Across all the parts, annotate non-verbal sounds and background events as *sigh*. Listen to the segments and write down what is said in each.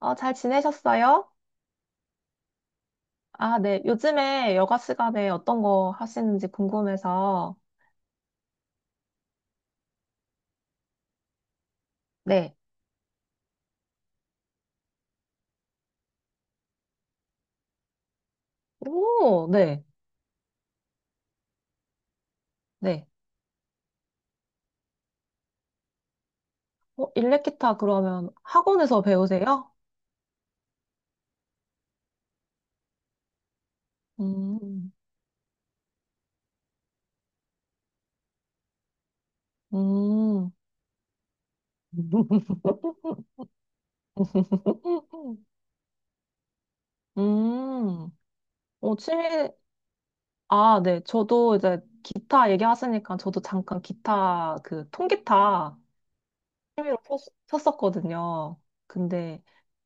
잘 지내셨어요? 아, 네. 요즘에 여가 시간에 어떤 거 하시는지 궁금해서. 네. 오, 네. 네. 일렉기타 그러면 학원에서 배우세요? 음, 음. *laughs* 음, 음. 어, 취미, 아, 네. 저도 이제 기타 얘기하시니까 저도 잠깐 기타, 그 통기타 취미로 쳤었거든요. 근데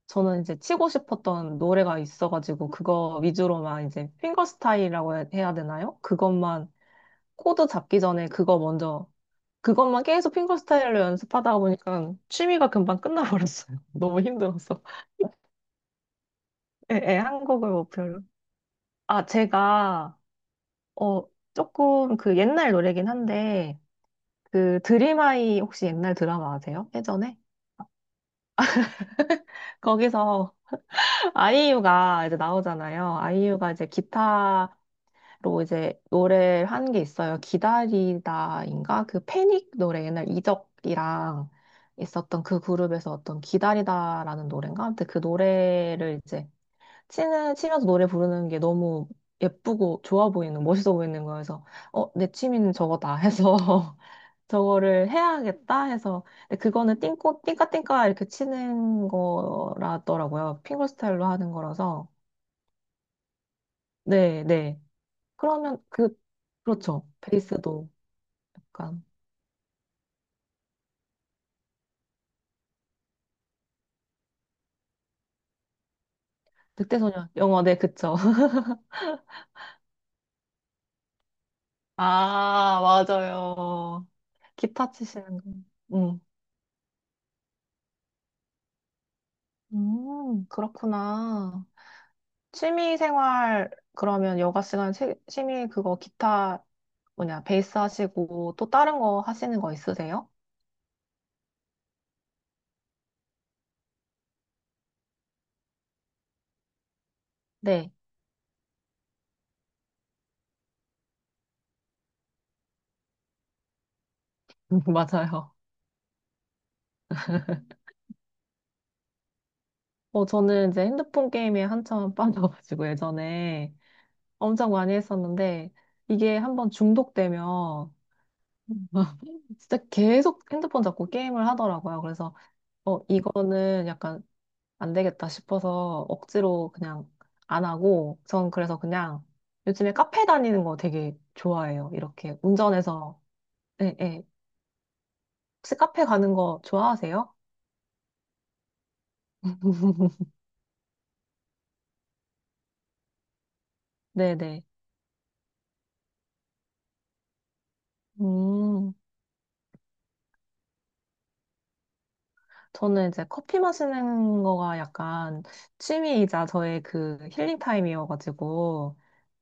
저는 이제 치고 싶었던 노래가 있어가지고 그거 위주로만 이제 핑거스타일이라고 해야 되나요? 그것만 코드 잡기 전에 그거 먼저 그것만 계속 핑거스타일로 연습하다 보니까 취미가 금방 끝나버렸어요. *laughs* 너무 힘들어서. 예, 예, 한국을 목표로. 아, 제가 어 조금 그 옛날 노래긴 한데 그 드림하이 혹시 옛날 드라마 아세요? 예전에? 거기서 아이유가 이제 나오잖아요. 아이유가 이제 기타로 이제 노래를 한 게 있어요. 기다리다인가? 그 패닉 노래 옛날 이적이랑 있었던 그 그룹에서 어떤 기다리다라는 노래인가? 아무튼 그 노래를 이제 치면서 노래 부르는 게 너무 예쁘고 좋아 보이는, 멋있어 보이는 거여서, 내 취미는 저거다 해서, *laughs* 저거를 해야겠다 해서, 근데 그거는 띵까띵까 이렇게 치는 거라더라고요. 핑거 스타일로 하는 거라서. 네, 네. 그러면 그, 그렇죠. 베이스도 약간, 늑대소년, 영어, 네, 그쵸. *laughs* 아, 맞아요. 기타 치시는 거. 음. 그렇구나. 취미 생활, 그러면 여가 시간 취미 그거 기타 뭐냐, 베이스 하시고 또 다른 거 하시는 거 있으세요? 네, *laughs* 맞아요. 저는 이제 핸드폰 게임에 한참 *laughs* 빠져가지고 예전에 엄청 많이 했었는데 이게 한번 중독되면 *laughs* 진짜 계속 핸드폰 잡고 게임을 하더라고요. 그래서 이거는 약간 안 되겠다 싶어서 억지로 그냥 안 하고, 전 그래서 그냥 요즘에 카페 다니는 거 되게 좋아해요. 이렇게 운전해서. 예, 예. 혹시 카페 가는 거 좋아하세요? *laughs* 네네. 음, 저는 이제 커피 마시는 거가 약간 취미이자 저의 그 힐링 타임이어가지고,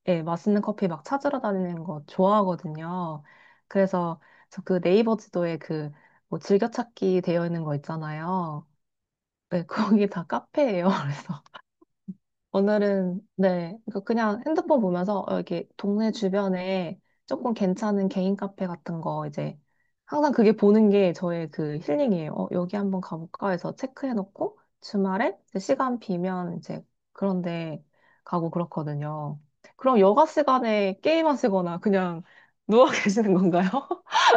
예, 맛있는 커피 막 찾으러 다니는 거 좋아하거든요. 그래서 저 그 네이버 지도에 그 뭐 즐겨찾기 되어 있는 거 있잖아요. 네, 거기 다 카페예요. *laughs* 그래서 오늘은 네, 그러니까 그냥 핸드폰 보면서 이렇게 동네 주변에 조금 괜찮은 개인 카페 같은 거 이제 항상 그게 보는 게 저의 그 힐링이에요. 여기 한번 가볼까 해서 체크해놓고 주말에 이제 시간 비면 이제 그런데 가고 그렇거든요. 그럼 여가 시간에 게임하시거나 그냥 누워 *laughs* 계시는 건가요? *laughs*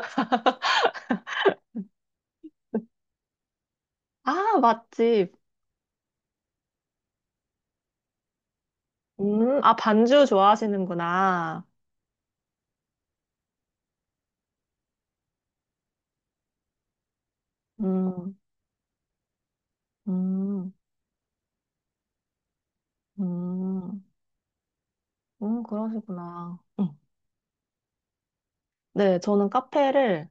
아, 맛집. 아, 반주 좋아하시는구나. 음, 음. 음, 그러시구나. 응. 네, 저는 카페를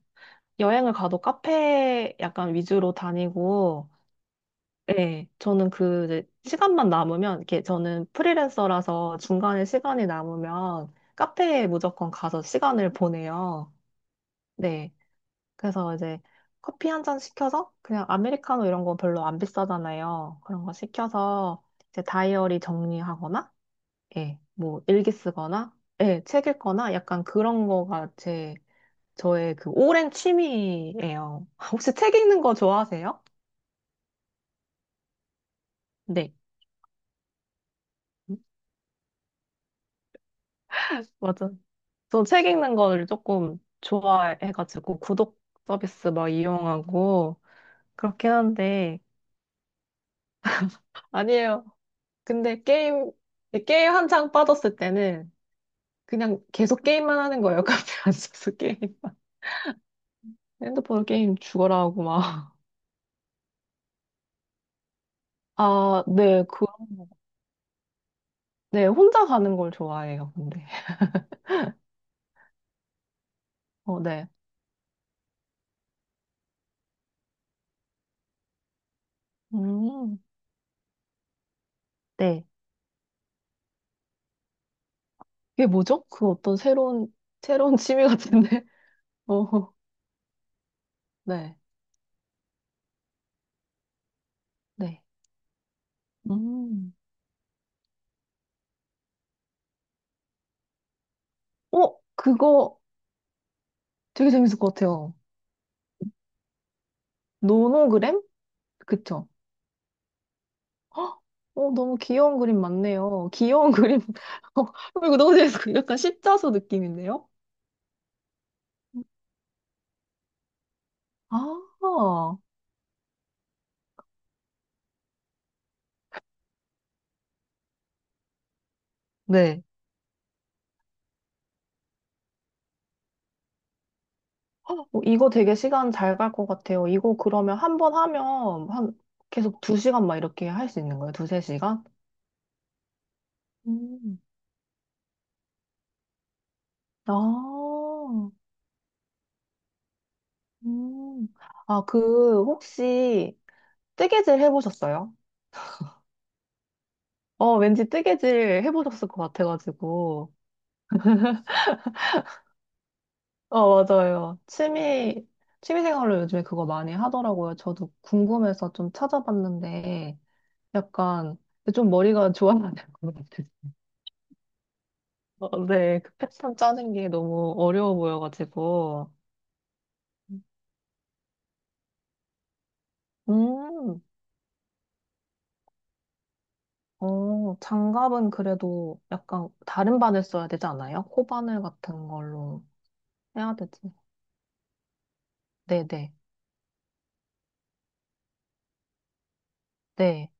여행을 가도 카페 약간 위주로 다니고, 네, 저는 그 이제 시간만 남으면, 이렇게 저는 프리랜서라서 중간에 시간이 남으면 카페에 무조건 가서 시간을 보내요. 네, 그래서 이제 커피 한 잔 시켜서 그냥 아메리카노 이런 거 별로 안 비싸잖아요. 그런 거 시켜서 이제 다이어리 정리하거나 예, 뭐 일기 쓰거나, 예, 책 읽거나 약간 그런 거가 제 저의 그 오랜 취미예요. *laughs* 혹시 책 읽는 거 좋아하세요? 네, 맞아. 저 책 읽는 거를 조금 좋아해가지고 구독 서비스 막 이용하고 그렇긴 한데 아니에요. 근데 게임 네, 게임 한창 빠졌을 때는 그냥 계속 게임만 하는 거예요. *laughs* 카페 앉아서 게임. 핸드폰 게임 죽어라 하고 막. 아, 네, 그, 네, 혼자 가는 걸 좋아해요, 근데. 어, 네. 음, 네, 이게 뭐죠? 새로운 취미 같은데? *laughs* 어, 네. 네. 음. 그거 되게 재밌을 것 같아요. 노노그램? 그쵸? *gasps* 헉, 너무 귀여운 그림 많네요. 귀여운 *laughs* 그림. 어, 이거 너무 재밌어. 약간 십자수 느낌인데요? 아, 네. *gasps* 이거 되게 시간 잘 갈 것 같아요. 이거 그러면 한 번 하면 한 계속 두 시간 막 이렇게 할 수 있는 거예요? 두세 시간? 음. 아, 음. 아, 그, 혹시, 뜨개질 해보셨어요? 어, 왠지 뜨개질 해보셨을 것 같아가지고. 맞아요. 취미생활로 요즘에 그거 많이 하더라고요. 저도 궁금해서 좀 찾아봤는데, 약간, 좀 머리가 *laughs* 좋아야 될 것 같아요. 어, 네, 그 패턴 짜는 게 너무 어려워 보여가지고. 음. 어, 장갑은 그래도 약간 다른 바늘 써야 되지 않아요? 코바늘 같은 걸로 해야 되지. 네네. 네.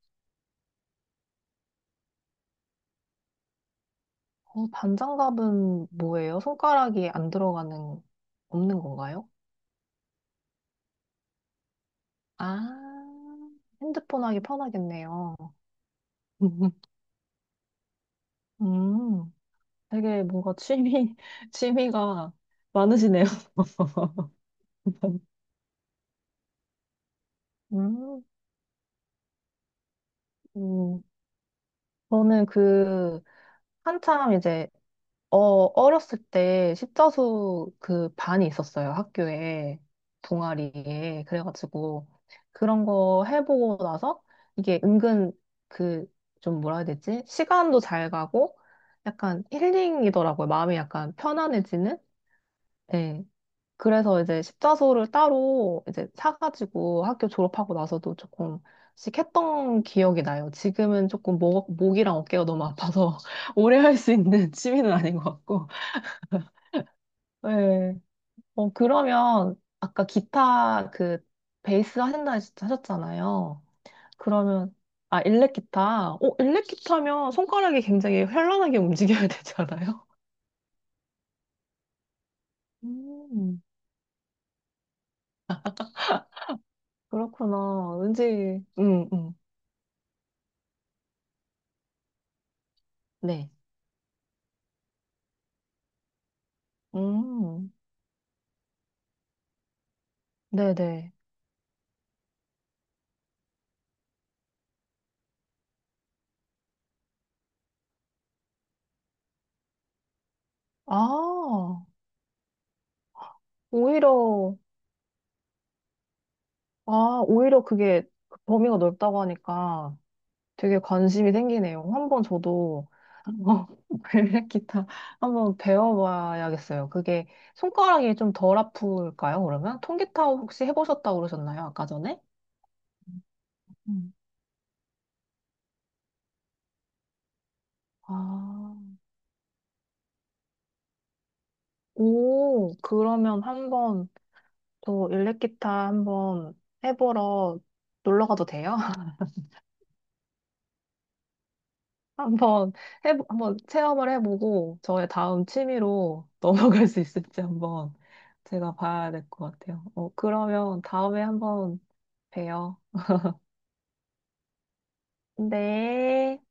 어, 반장갑은 뭐예요? 손가락이 안 들어가는, 없는 건가요? 아, 핸드폰 하기 편하겠네요. *laughs* 음, 되게 뭔가 *laughs* 취미가 많으시네요. *laughs* 음, 음, 저는 그, 한참 이제 어, 어렸을 때 십자수 그 반이 있었어요. 학교에. 동아리에. 그래가지고 그런 거 해보고 나서 이게 은근 그 좀 뭐라 해야 되지? 시간도 잘 가고 약간 힐링이더라고요. 마음이 약간 편안해지는? 네. 그래서 이제 십자수를 따로 이제 사가지고 학교 졸업하고 나서도 조금씩 했던 기억이 나요. 지금은 조금 목이랑 어깨가 너무 아파서 *laughs* 오래 할 수 있는 취미는 아닌 것 같고. 네. 그러면 아까 기타 그 베이스 하신다 하셨잖아요. 그러면 아, 일렉 기타. 어, 일렉 기타면 손가락이 굉장히 현란하게 *laughs* 움직여야 되잖아요. 음, 그렇구나. 왠지 네. 음. 네, 네. 아, 오히려 아, 오히려 그게 범위가 넓다고 하니까 되게 관심이 생기네요. 한번 저도 어, *laughs* 벨벳 기타 한번 배워봐야겠어요. 그게 손가락이 좀 덜 아플까요, 그러면? 통기타 혹시 해보셨다고 그러셨나요, 아까 전에? 음. 아, 오, 그러면 한번 저 일렉기타 한번 해보러 놀러 가도 돼요? *laughs* 한번 한번 체험을 해보고 저의 다음 취미로 *laughs* 넘어갈 수 있을지 한번 제가 봐야 될 것 같아요. 그러면 다음에 한번 봬요. 네.